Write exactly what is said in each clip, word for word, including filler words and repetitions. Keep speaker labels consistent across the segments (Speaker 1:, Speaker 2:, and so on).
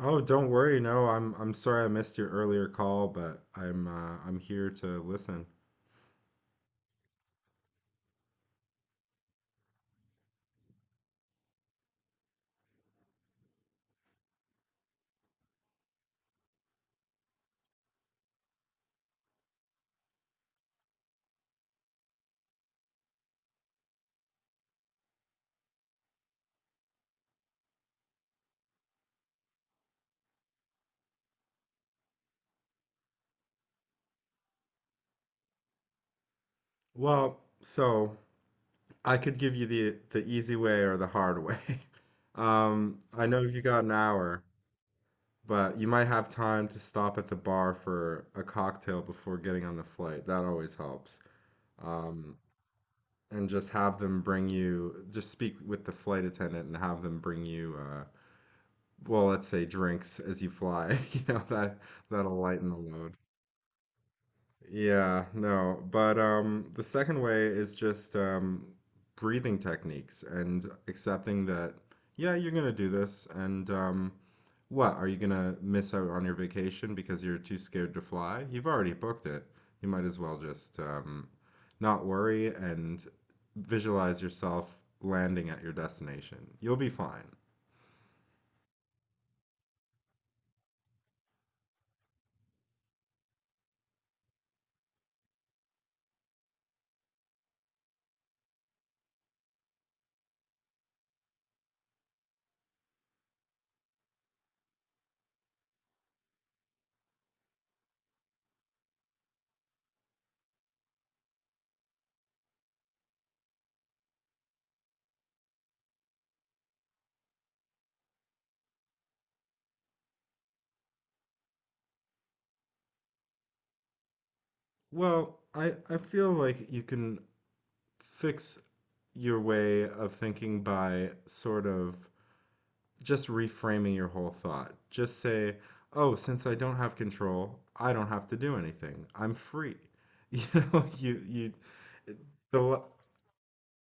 Speaker 1: Oh, don't worry. No, I'm I'm sorry I missed your earlier call, but I'm uh, I'm here to listen. Well, so I could give you the the easy way or the hard way. Um, I know you got an hour, but you might have time to stop at the bar for a cocktail before getting on the flight. That always helps. Um, and just have them bring you, just speak with the flight attendant and have them bring you, uh, well, let's say drinks as you fly. You know, that that'll lighten the load. Yeah, no. But um, the second way is just um, breathing techniques and accepting that, yeah, you're gonna do this. And um, what, are you gonna miss out on your vacation because you're too scared to fly? You've already booked it. You might as well just um, not worry and visualize yourself landing at your destination. You'll be fine. Well, I, I feel like you can fix your way of thinking by sort of just reframing your whole thought. Just say, "Oh, since I don't have control, I don't have to do anything. I'm free." You know, you you the la-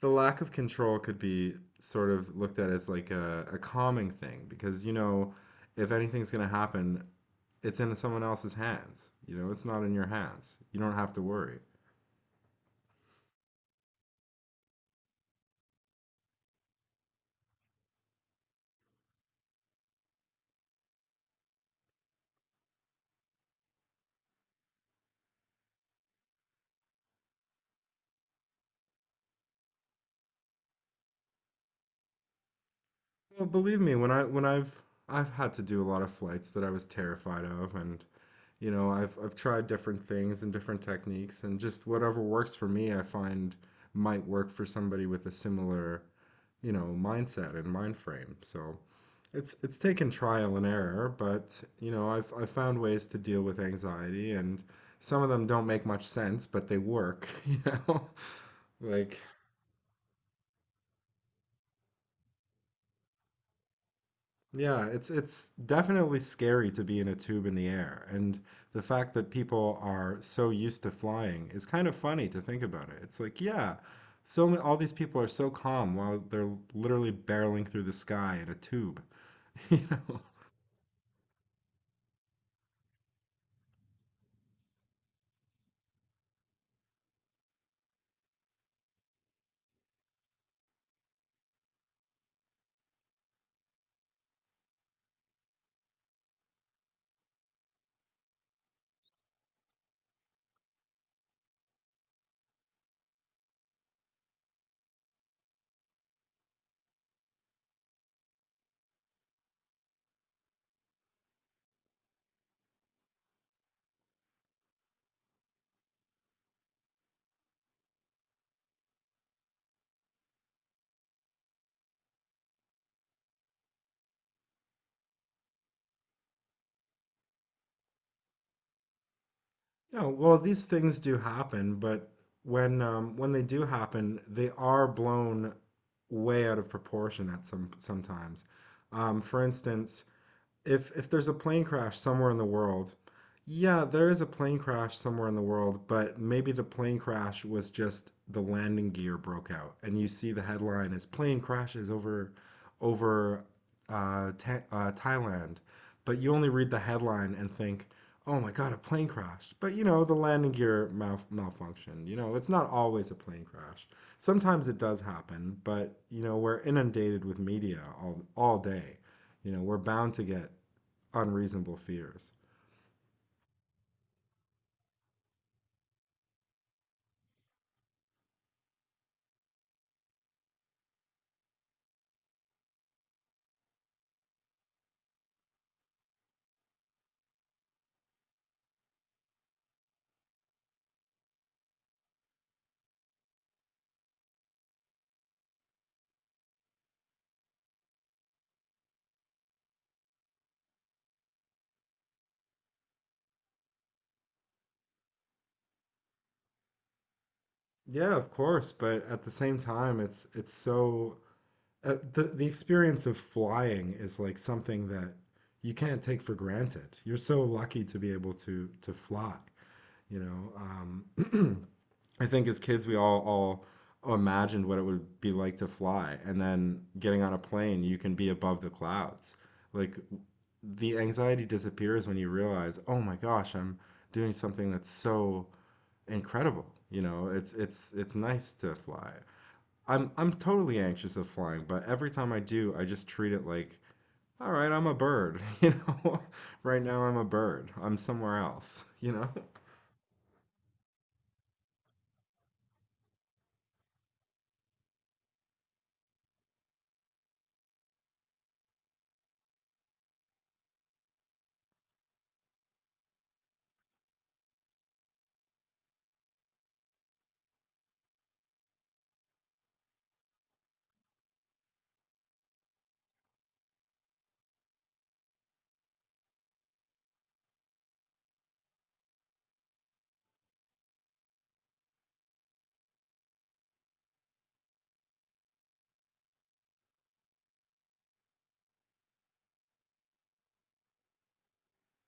Speaker 1: the lack of control could be sort of looked at as like a, a calming thing because you know if anything's going to happen, it's in someone else's hands. You know, it's not in your hands. You don't have to worry. Well, believe me, when I when I've I've had to do a lot of flights that I was terrified of, and you know I've I've tried different things and different techniques, and just whatever works for me I find might work for somebody with a similar, you know, mindset and mind frame. So it's it's taken trial and error, but you know I've I've found ways to deal with anxiety, and some of them don't make much sense, but they work, you know. Like yeah, it's it's definitely scary to be in a tube in the air, and the fact that people are so used to flying is kind of funny to think about it. It's like, yeah, so ma- all these people are so calm while they're literally barreling through the sky in a tube. You know? Yeah. Well, these things do happen, but when um, when they do happen, they are blown way out of proportion at some sometimes. Um, for instance, if if there's a plane crash somewhere in the world, yeah, there is a plane crash somewhere in the world, but maybe the plane crash was just the landing gear broke out, and you see the headline is plane crashes over over uh, Tha- uh, Thailand, but you only read the headline and think, oh my God, a plane crash. But you know, the landing gear mal- malfunction. You know, it's not always a plane crash. Sometimes it does happen, but you know, we're inundated with media all all day. You know, we're bound to get unreasonable fears. Yeah, of course, but at the same time, it's it's so uh, the the experience of flying is like something that you can't take for granted. You're so lucky to be able to to fly. You know, um, I think as kids we all all imagined what it would be like to fly, and then getting on a plane, you can be above the clouds. Like the anxiety disappears when you realize, oh my gosh, I'm doing something that's so incredible. You know, it's it's it's nice to fly. I'm I'm totally anxious of flying, but every time I do, I just treat it like, all right, I'm a bird, you know? Right now I'm a bird. I'm somewhere else, you know?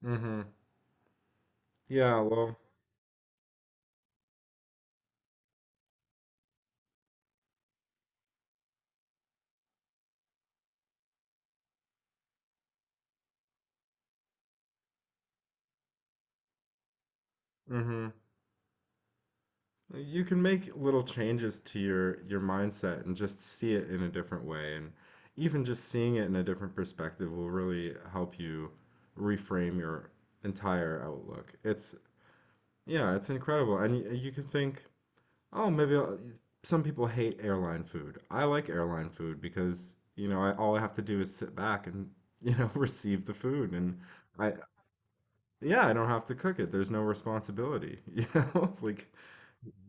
Speaker 1: Mm-hmm. Yeah, well, mm-hmm. You can make little changes to your your mindset and just see it in a different way. And even just seeing it in a different perspective will really help you reframe your entire outlook. It's yeah, it's incredible. And y- you can think, oh, maybe I'll, some people hate airline food. I like airline food because, you know, I, all I have to do is sit back and, you know, receive the food. And I yeah, I don't have to cook it. There's no responsibility, you know? Like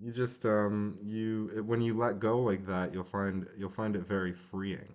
Speaker 1: you just um you when you let go like that, you'll find you'll find it very freeing.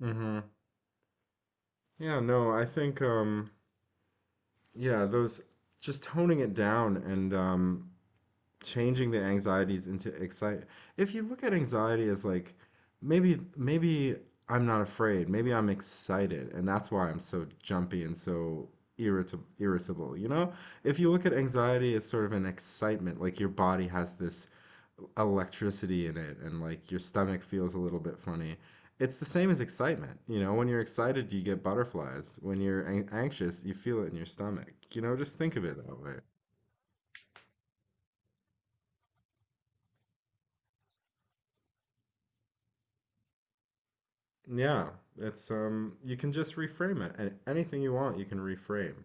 Speaker 1: Hmm. Yeah, no, I think um yeah, those just toning it down, and um changing the anxieties into excite if you look at anxiety as like, maybe maybe I'm not afraid, maybe I'm excited, and that's why I'm so jumpy and so irritable irritable, you know. If you look at anxiety as sort of an excitement, like your body has this electricity in it, and like your stomach feels a little bit funny, it's the same as excitement. You know, when you're excited you get butterflies; when you're an- anxious you feel it in your stomach. You know, just think of it that way. Yeah, it's um you can just reframe it. And anything you want, you can reframe.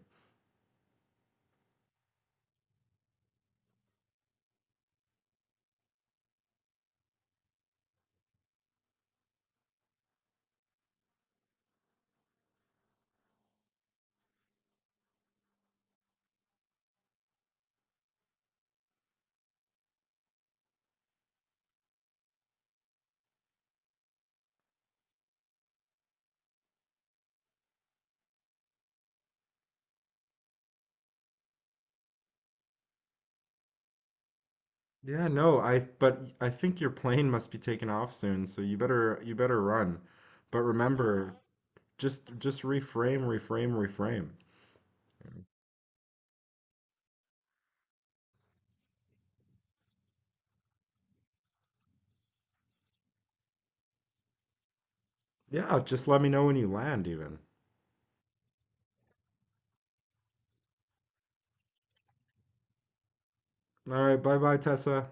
Speaker 1: Yeah, no, I but I think your plane must be taking off soon, so you better you better run. But remember, just just reframe, reframe, reframe. Yeah, just let me know when you land even. All right, bye-bye, Tessa.